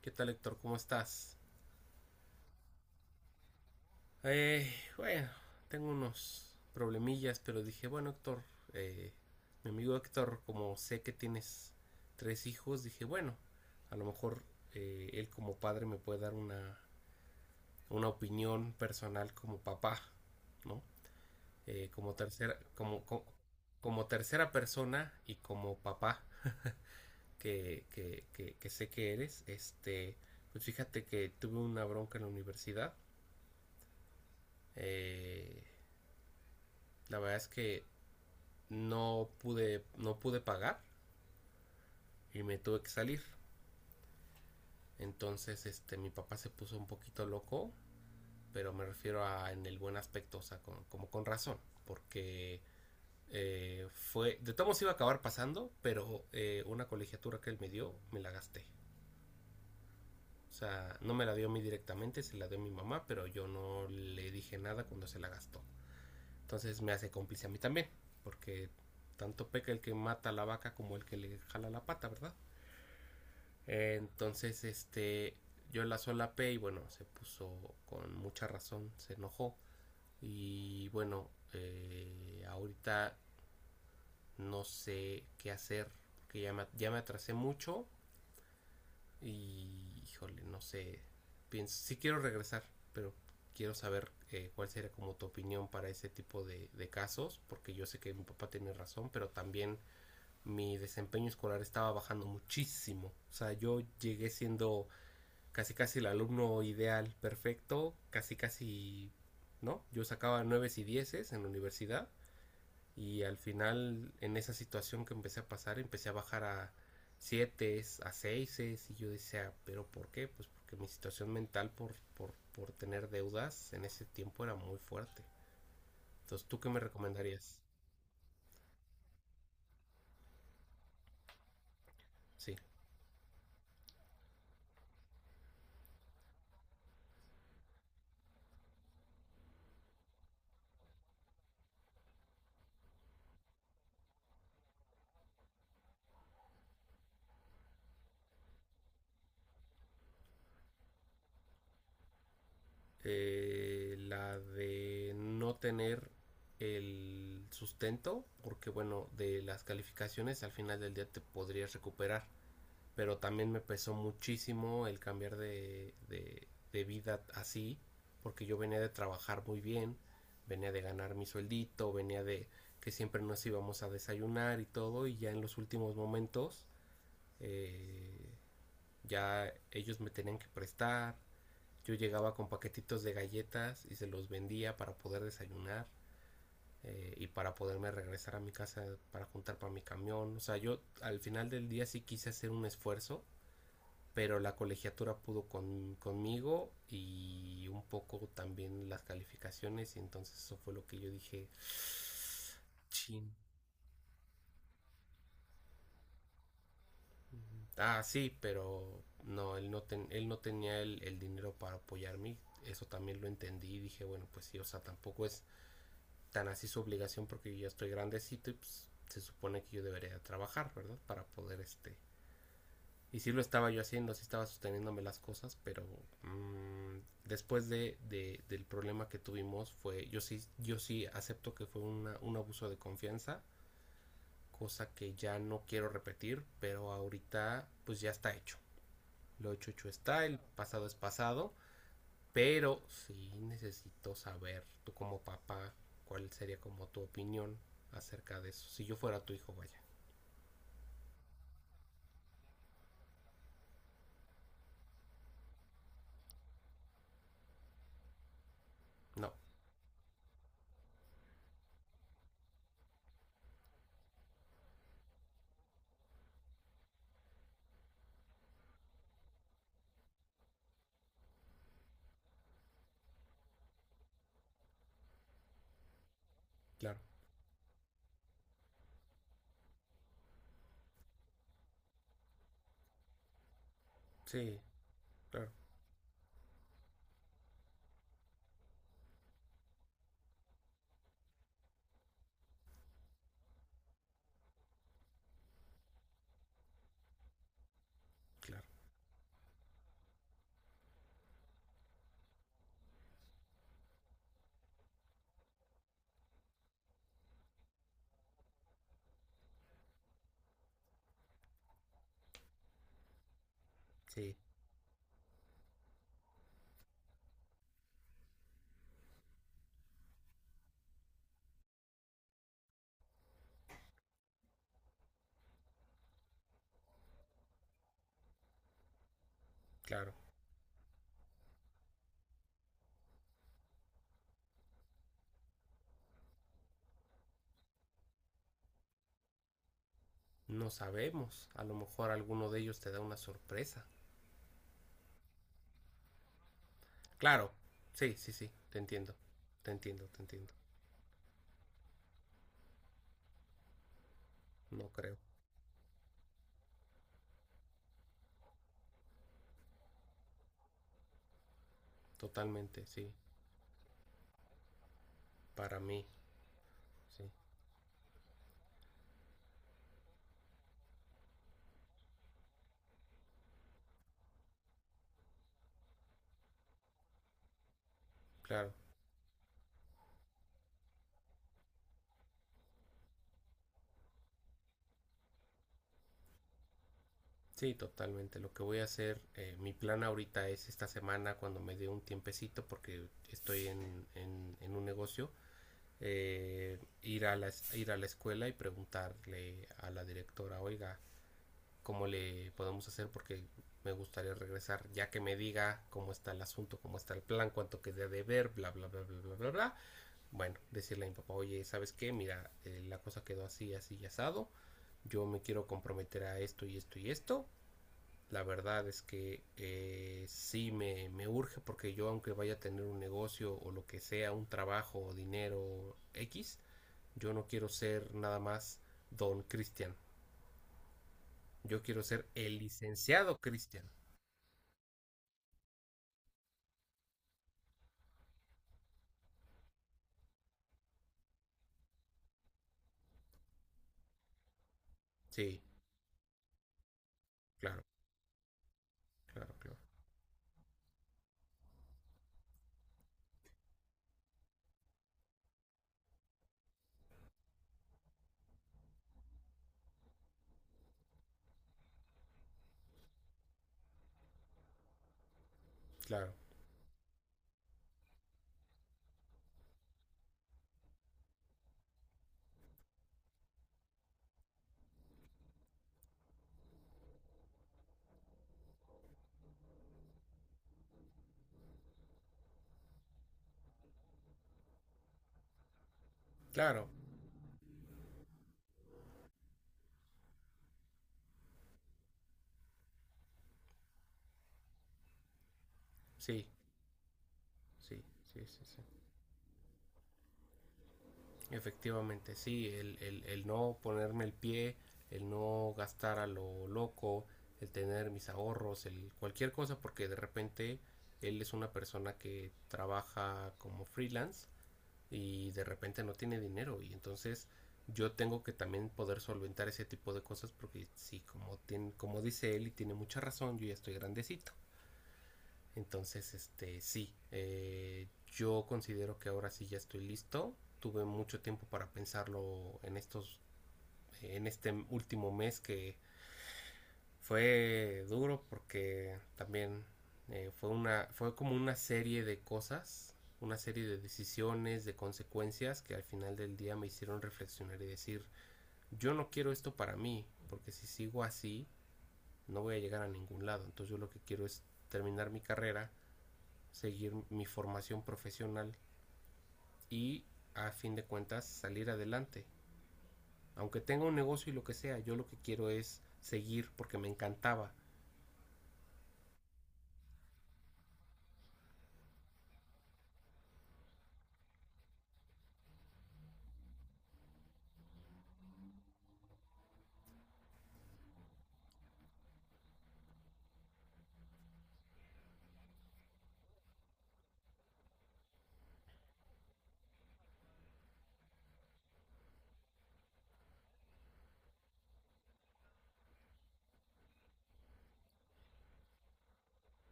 ¿Qué tal, Héctor? ¿Cómo estás? Bueno, tengo unos problemillas, pero dije, bueno, Héctor, eh, mi amigo Héctor, como sé que tienes tres hijos, dije, bueno, a lo mejor él como padre me puede dar una opinión personal como papá, ¿no? Eh, como tercera, como, co- como tercera persona y como papá que sé que eres, este, pues fíjate que tuve una bronca en la universidad. eh, La verdad es que no pude pagar y me tuve que salir. Entonces, este, mi papá se puso un poquito loco, pero me refiero a en el buen aspecto, o sea, como con razón, porque de todos modos iba a acabar pasando, pero una colegiatura que él me dio, me la gasté. O sea, no me la dio a mí directamente, se la dio a mi mamá, pero yo no le dije nada cuando se la gastó. Entonces me hace cómplice a mí también, porque tanto peca el que mata a la vaca como el que le jala la pata, ¿verdad? Entonces, este, yo la solapé y bueno, se puso con mucha razón, se enojó. Y bueno, ahorita no sé qué hacer, porque ya me atrasé mucho y híjole, no sé, pienso, sí quiero regresar, pero quiero saber cuál sería como tu opinión para ese tipo de casos, porque yo sé que mi papá tenía razón, pero también mi desempeño escolar estaba bajando muchísimo. O sea, yo llegué siendo casi casi el alumno ideal, perfecto, casi casi, ¿no? Yo sacaba nueves y dieces en la universidad y al final en esa situación que empecé a pasar empecé a bajar a siete, a seises y yo decía, pero ¿por qué? Pues porque mi situación mental por tener deudas en ese tiempo era muy fuerte. Entonces, ¿tú qué me recomendarías? Sí. La de no tener el sustento, porque bueno, de las calificaciones al final del día te podrías recuperar, pero también me pesó muchísimo el cambiar de vida así, porque yo venía de trabajar muy bien, venía de ganar mi sueldito, venía de que siempre nos íbamos a desayunar y todo, y ya en los últimos momentos eh, ya ellos me tenían que prestar, yo llegaba con paquetitos de galletas y se los vendía para poder desayunar y para poderme regresar a mi casa para juntar para mi camión. O sea, yo al final del día sí quise hacer un esfuerzo, pero la colegiatura pudo conmigo y un poco también las calificaciones y entonces eso fue lo que yo dije, chin. Ah, sí, pero no, él no tenía el dinero para apoyarme. Eso también lo entendí y dije, bueno, pues sí, o sea, tampoco es tan así su obligación porque yo ya estoy grandecito y pues se supone que yo debería trabajar, ¿verdad? Para poder este... Y sí lo estaba yo haciendo, sí estaba sosteniéndome las cosas, pero después del problema que tuvimos yo sí acepto que fue un abuso de confianza, cosa que ya no quiero repetir, pero ahorita pues ya está hecho. Lo hecho, hecho está, el pasado es pasado, pero sí necesito saber, tú como papá, cuál sería como tu opinión acerca de eso. Si yo fuera tu hijo, vaya. No, claro. Sí, claro, claro. Sí, claro. No sabemos. A lo mejor alguno de ellos te da una sorpresa. Claro. Sí, sí, sí. Te entiendo. Te entiendo, te entiendo. No creo. Totalmente, sí. Para mí, sí. Claro. Sí, totalmente. Lo que voy a hacer, mi plan ahorita es esta semana cuando me dé un tiempecito porque estoy en un negocio, ir a la escuela y preguntarle a la directora, oiga, ¿cómo le podemos hacer? Porque me gustaría regresar ya que me diga cómo está el asunto, cómo está el plan, cuánto queda de ver, bla, bla, bla, bla, bla, bla, bla. Bueno, decirle a mi papá, oye, ¿sabes qué? Mira, la cosa quedó así, así y asado. Yo me quiero comprometer a esto y esto y esto. La verdad es que sí me urge porque yo aunque vaya a tener un negocio o lo que sea, un trabajo o dinero X, yo no quiero ser nada más don Cristian. Yo quiero ser el licenciado Cristian. Sí, claro, claro, claro. Claro, claro. Sí, sí, sí, sí, sí. Efectivamente, sí, el no ponerme el pie, el no gastar a lo loco, el tener mis ahorros, el cualquier cosa, porque de repente él es una persona que trabaja como freelance y de repente no tiene dinero y entonces yo tengo que también poder solventar ese tipo de cosas porque sí, como dice él y tiene mucha razón, yo ya estoy grandecito. Entonces, este, sí, yo considero que ahora sí ya estoy listo. Tuve mucho tiempo para pensarlo en este último mes que fue duro porque también fue como una serie de cosas, una serie de decisiones, de consecuencias que al final del día me hicieron reflexionar y decir, yo no quiero esto para mí, porque si sigo así no voy a llegar a ningún lado. Entonces yo lo que quiero es terminar mi carrera, seguir mi formación profesional y a fin de cuentas salir adelante. Aunque tenga un negocio y lo que sea, yo lo que quiero es seguir porque me encantaba.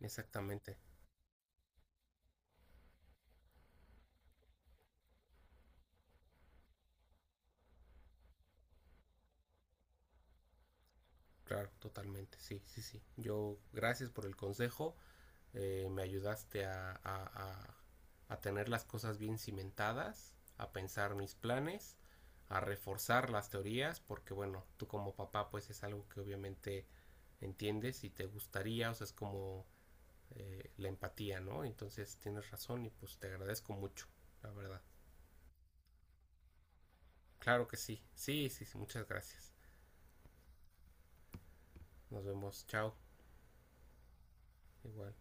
Exactamente, claro, totalmente, sí, sí, sí. Yo, gracias por el consejo, me ayudaste a tener las cosas bien cimentadas, a pensar mis planes, a reforzar las teorías, porque bueno, tú como papá pues es algo que obviamente entiendes y te gustaría, o sea, es como la empatía, ¿no? Entonces tienes razón y pues te agradezco mucho, la verdad. Claro que sí, sí, sí, sí, muchas gracias. Nos vemos, chao, igual.